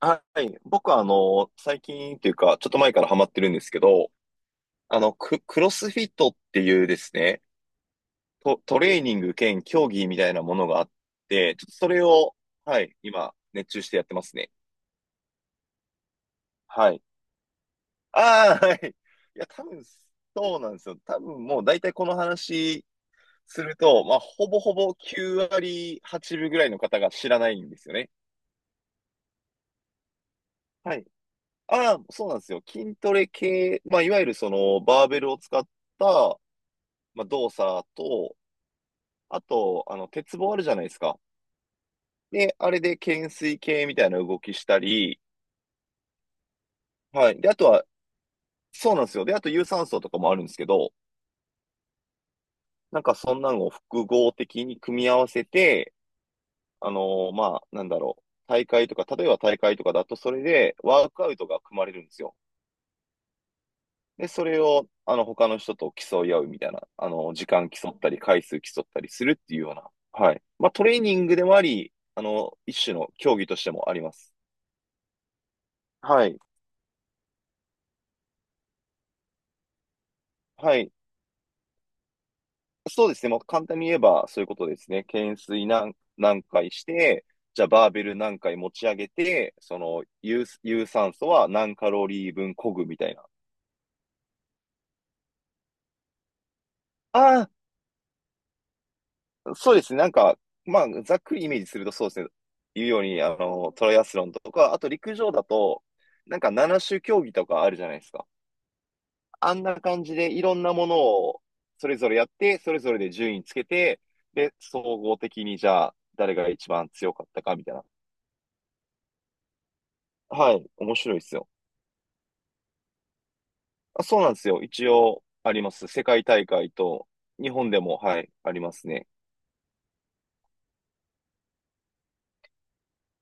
はい。僕は最近っていうか、ちょっと前からハマってるんですけど、クロスフィットっていうですね、トレーニング兼競技みたいなものがあって、ちょっとそれを、はい、今、熱中してやってますね。はい。ああ、はい。いや、多分、そうなんですよ。多分もう大体この話すると、まあ、ほぼほぼ9割8分ぐらいの方が知らないんですよね。はい。ああ、そうなんですよ。筋トレ系、まあ、いわゆるその、バーベルを使った、まあ、動作と、あと、鉄棒あるじゃないですか。で、あれで懸垂系みたいな動きしたり、はい。で、あとは、そうなんですよ。で、あと有酸素とかもあるんですけど、なんかそんなのを複合的に組み合わせて、まあ、なんだろう。大会とか、例えば大会とかだと、それでワークアウトが組まれるんですよ。で、それを、他の人と競い合うみたいな、時間競ったり、回数競ったりするっていうような、はい。まあ、トレーニングでもあり、一種の競技としてもあります。はい。はい。そうですね。もう簡単に言えばそういうことですね。懸垂何回して、じゃあバーベル何回持ち上げて、その有酸素は何カロリー分漕ぐみたいな。ああ、そうですね。なんか、まあ、ざっくりイメージするとそうですね。言うように、トライアスロンとか、あと陸上だと、なんか7種競技とかあるじゃないですか。あんな感じでいろんなものをそれぞれやって、それぞれで順位つけて、で、総合的にじゃあ誰が一番強かったかみたいな。はい、面白いですよ。あ、そうなんですよ。一応あります。世界大会と、日本でも、はい、ありますね。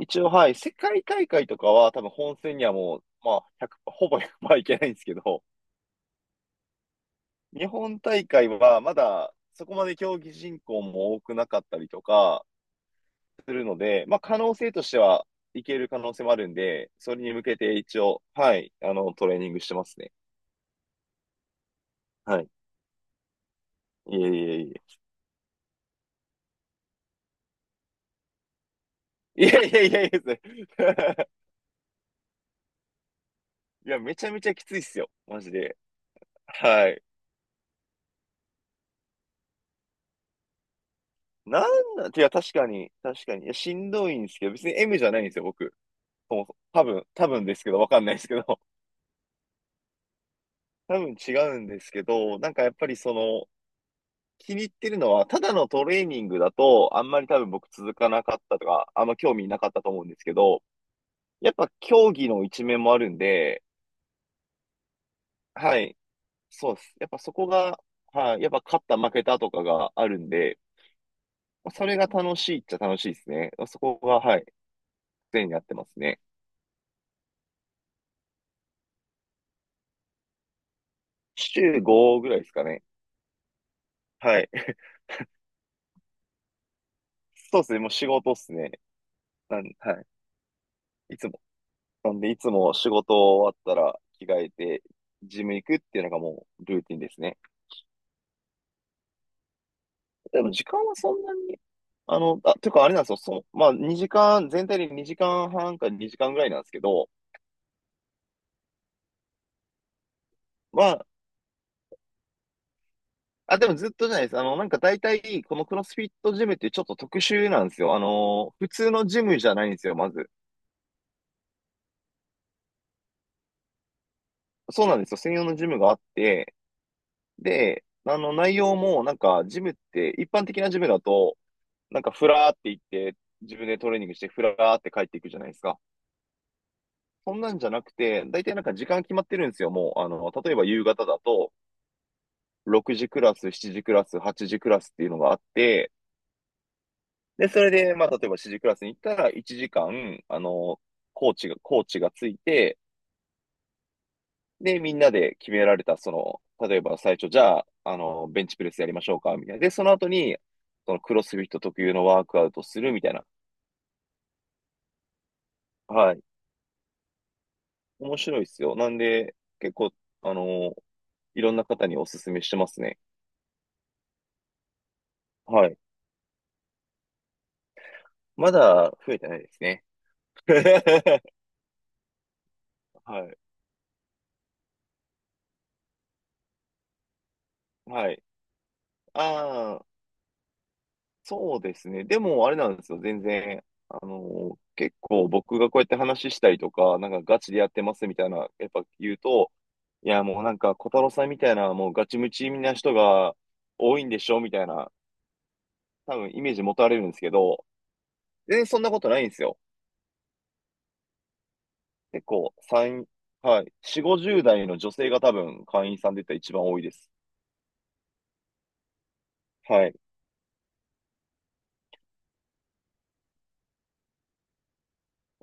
一応、はい、世界大会とかは多分本戦にはもう、まあ、1ほぼ行いけないんですけど、日本大会はまだそこまで競技人口も多くなかったりとかするので、まあ、可能性としてはいける可能性もあるんで、それに向けて一応、はい、トレーニングしてますね。はい。いえいえいえ。いえいえいえいえ。いや、めちゃめちゃきついっすよ。マジで。はい。なんなん、いや、確かに、確かに。いや、しんどいんですけど、別に M じゃないんですよ、僕。そもそも多分、多分ですけど、わかんないですけど。多分違うんですけど、なんかやっぱりその、気に入ってるのは、ただのトレーニングだと、あんまり多分僕続かなかったとか、あんま興味なかったと思うんですけど、やっぱ競技の一面もあるんで、はい、そうです。やっぱそこが、はい、やっぱ勝った負けたとかがあるんで、それが楽しいっちゃ楽しいですね。そこが、はい、常にやってますね。週5ぐらいですかね。はい。そうですね。もう仕事っすね。はい。いつも。なんで、いつも仕事終わったら着替えて、ジム行くっていうのがもうルーティンですね。でも時間はそんなに、ていうかあれなんですよ。そう、まあ2時間、全体で2時間半か2時間ぐらいなんですけど、まあ、あ、でもずっとじゃないです。なんか大体、このクロスフィットジムってちょっと特殊なんですよ。普通のジムじゃないんですよ、まず。そうなんですよ。専用のジムがあって、で、あの内容もなんかジムって一般的なジムだとなんかフラーって行って自分でトレーニングしてフラーって帰っていくじゃないですか。そんなんじゃなくて、大体なんか時間決まってるんですよ。もう、例えば夕方だと6時クラス、7時クラス、8時クラスっていうのがあって、で、それで、まあ、例えば7時クラスに行ったら1時間、コーチがついて、で、みんなで決められた、その、例えば最初、じゃあ、ベンチプレスやりましょうか、みたいな。で、その後に、そのクロスフィット特有のワークアウトするみたいな。はい。面白いですよ。なんで、結構、あの、いろんな方にお勧めしてますね。はい。まだ増えてないですね。はい。はい。ああ、そうですね。でも、あれなんですよ。全然、結構僕がこうやって話したりとか、なんかガチでやってますみたいな、やっぱ言うと、いや、もうなんか、小太郎さんみたいな、もうガチムチな人が多いんでしょみたいな、多分イメージ持たれるんですけど、全然そんなことないんですよ。結構、はい、4、50代の女性が多分会員さんで言ったら一番多いです。はい。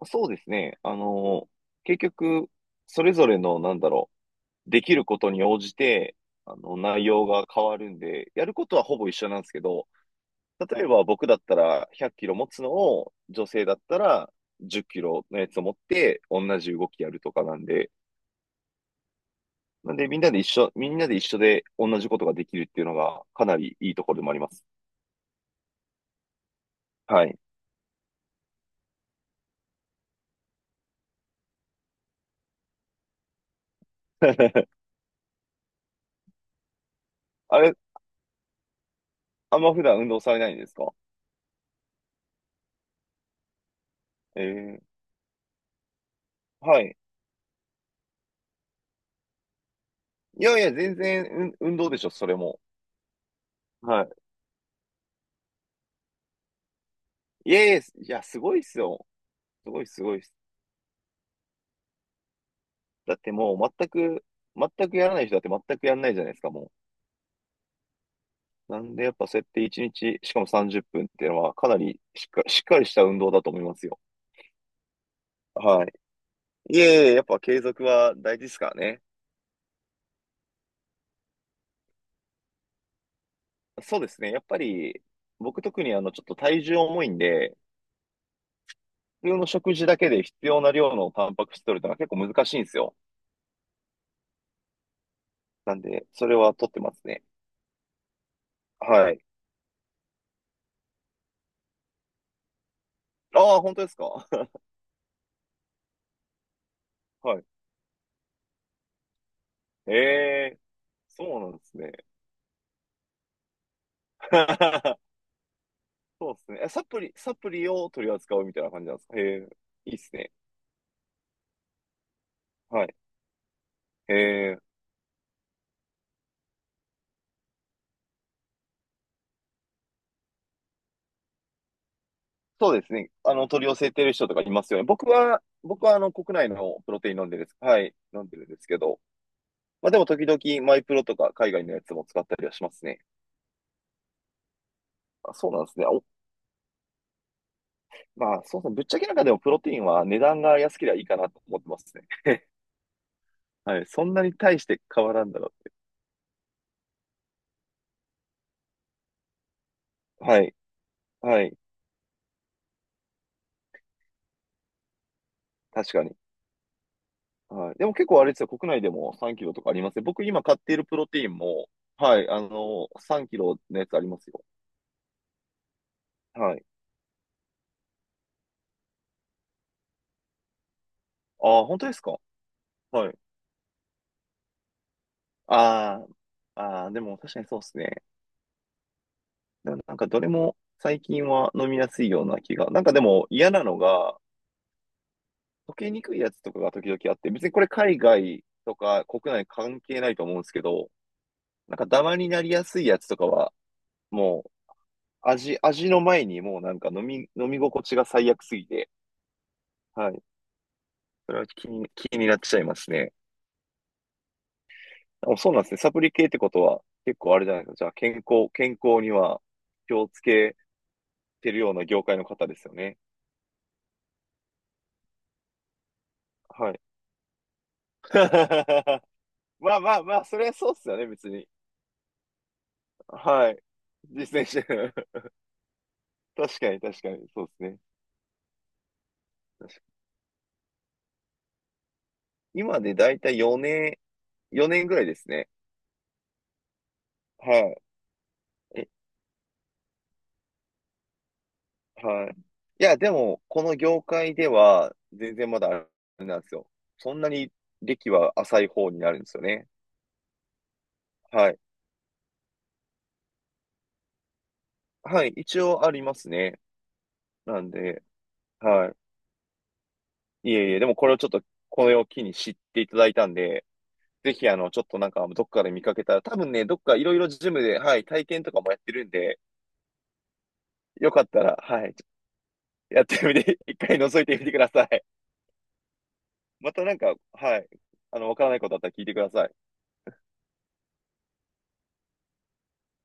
そうですね。結局、それぞれの、なんだろう、できることに応じて、内容が変わるんで、やることはほぼ一緒なんですけど、例えば僕だったら100キロ持つのを、女性だったら10キロのやつを持って同じ動きやるとかなんで、なんでみんなで一緒、みんなで一緒で同じことができるっていうのがかなりいいところでもあります。はい。あれ、あんま普段運動されないんですか？えー、はい。いやいや、全然運動でしょ、それも。はい。いやいや、いや、すごいっすよ。すごいすごいっす。だってもう全く、全くやらない人だって全くやらないじゃないですか、もう。なんでやっぱそうやって一日、しかも30分っぷんっていうのはかなりしっかりした運動だと思いますよ。はい。いえいえ、やっぱ継続は大事ですからね。そうですね。やっぱり僕特にあのちょっと体重重いんで、普通の食事だけで必要な量のタンパク質取るのが結構難しいんですよ。なんで、それは取ってますね。はい。ああ、本当ですか？ はい。ええ、そうなんですね。そうですね。えサプリ、サプリを取り扱うみたいな感じなんですか？へえ、いいっすね。はい。へえ。そうですね。取り寄せてる人とかいますよね。僕は国内のプロテイン飲んでるんです。はい、飲んでるんですけど。まあでも時々マイプロとか海外のやつも使ったりはしますね。あ、そうなんですね。まあそうですね。ぶっちゃけなんかでもプロテインは値段が安ければいいかなと思ってますね。はい。そんなに大して変わらんだろう。はい。はい。確かに。はい。でも結構あれですよ。国内でも3キロとかありますね。僕今買っているプロテインも、はい。3キロのやつありますよ。はい。ああ、本当ですか？はい。ああ、ああ、でも確かにそうですね。でもなんかどれも最近は飲みやすいような気が。なんかでも嫌なのが、溶けにくいやつとかが時々あって、別にこれ海外とか国内関係ないと思うんですけど、なんかダマになりやすいやつとかは、もう味の前にもうなんか飲み心地が最悪すぎて、はい。それは気になっちゃいますね。あ、そうなんですね。サプリ系ってことは結構あれじゃないですか。じゃあ健康には気をつけてるような業界の方ですよね。はい。まあまあまあ、それはそうっすよね、別に。はい。実践してる。確かに確かに、そうですね。確かに今でだいたい4年、4年ぐらいですね。はい。え、はい。いや、でも、この業界では、全然まだあれなんですよ。そんなに歴は浅い方になるんですよね。はい。はい、一応ありますね。なんで、はい。いえいえ、でもこれをちょっと、これを機に知っていただいたんで、ぜひ、ちょっとなんか、どっかで見かけたら、多分ね、どっかいろいろジムで、はい、体験とかもやってるんで、よかったら、はい、やってみて、一回覗いてみてください。またなんか、はい、わからないことあったら聞いてください。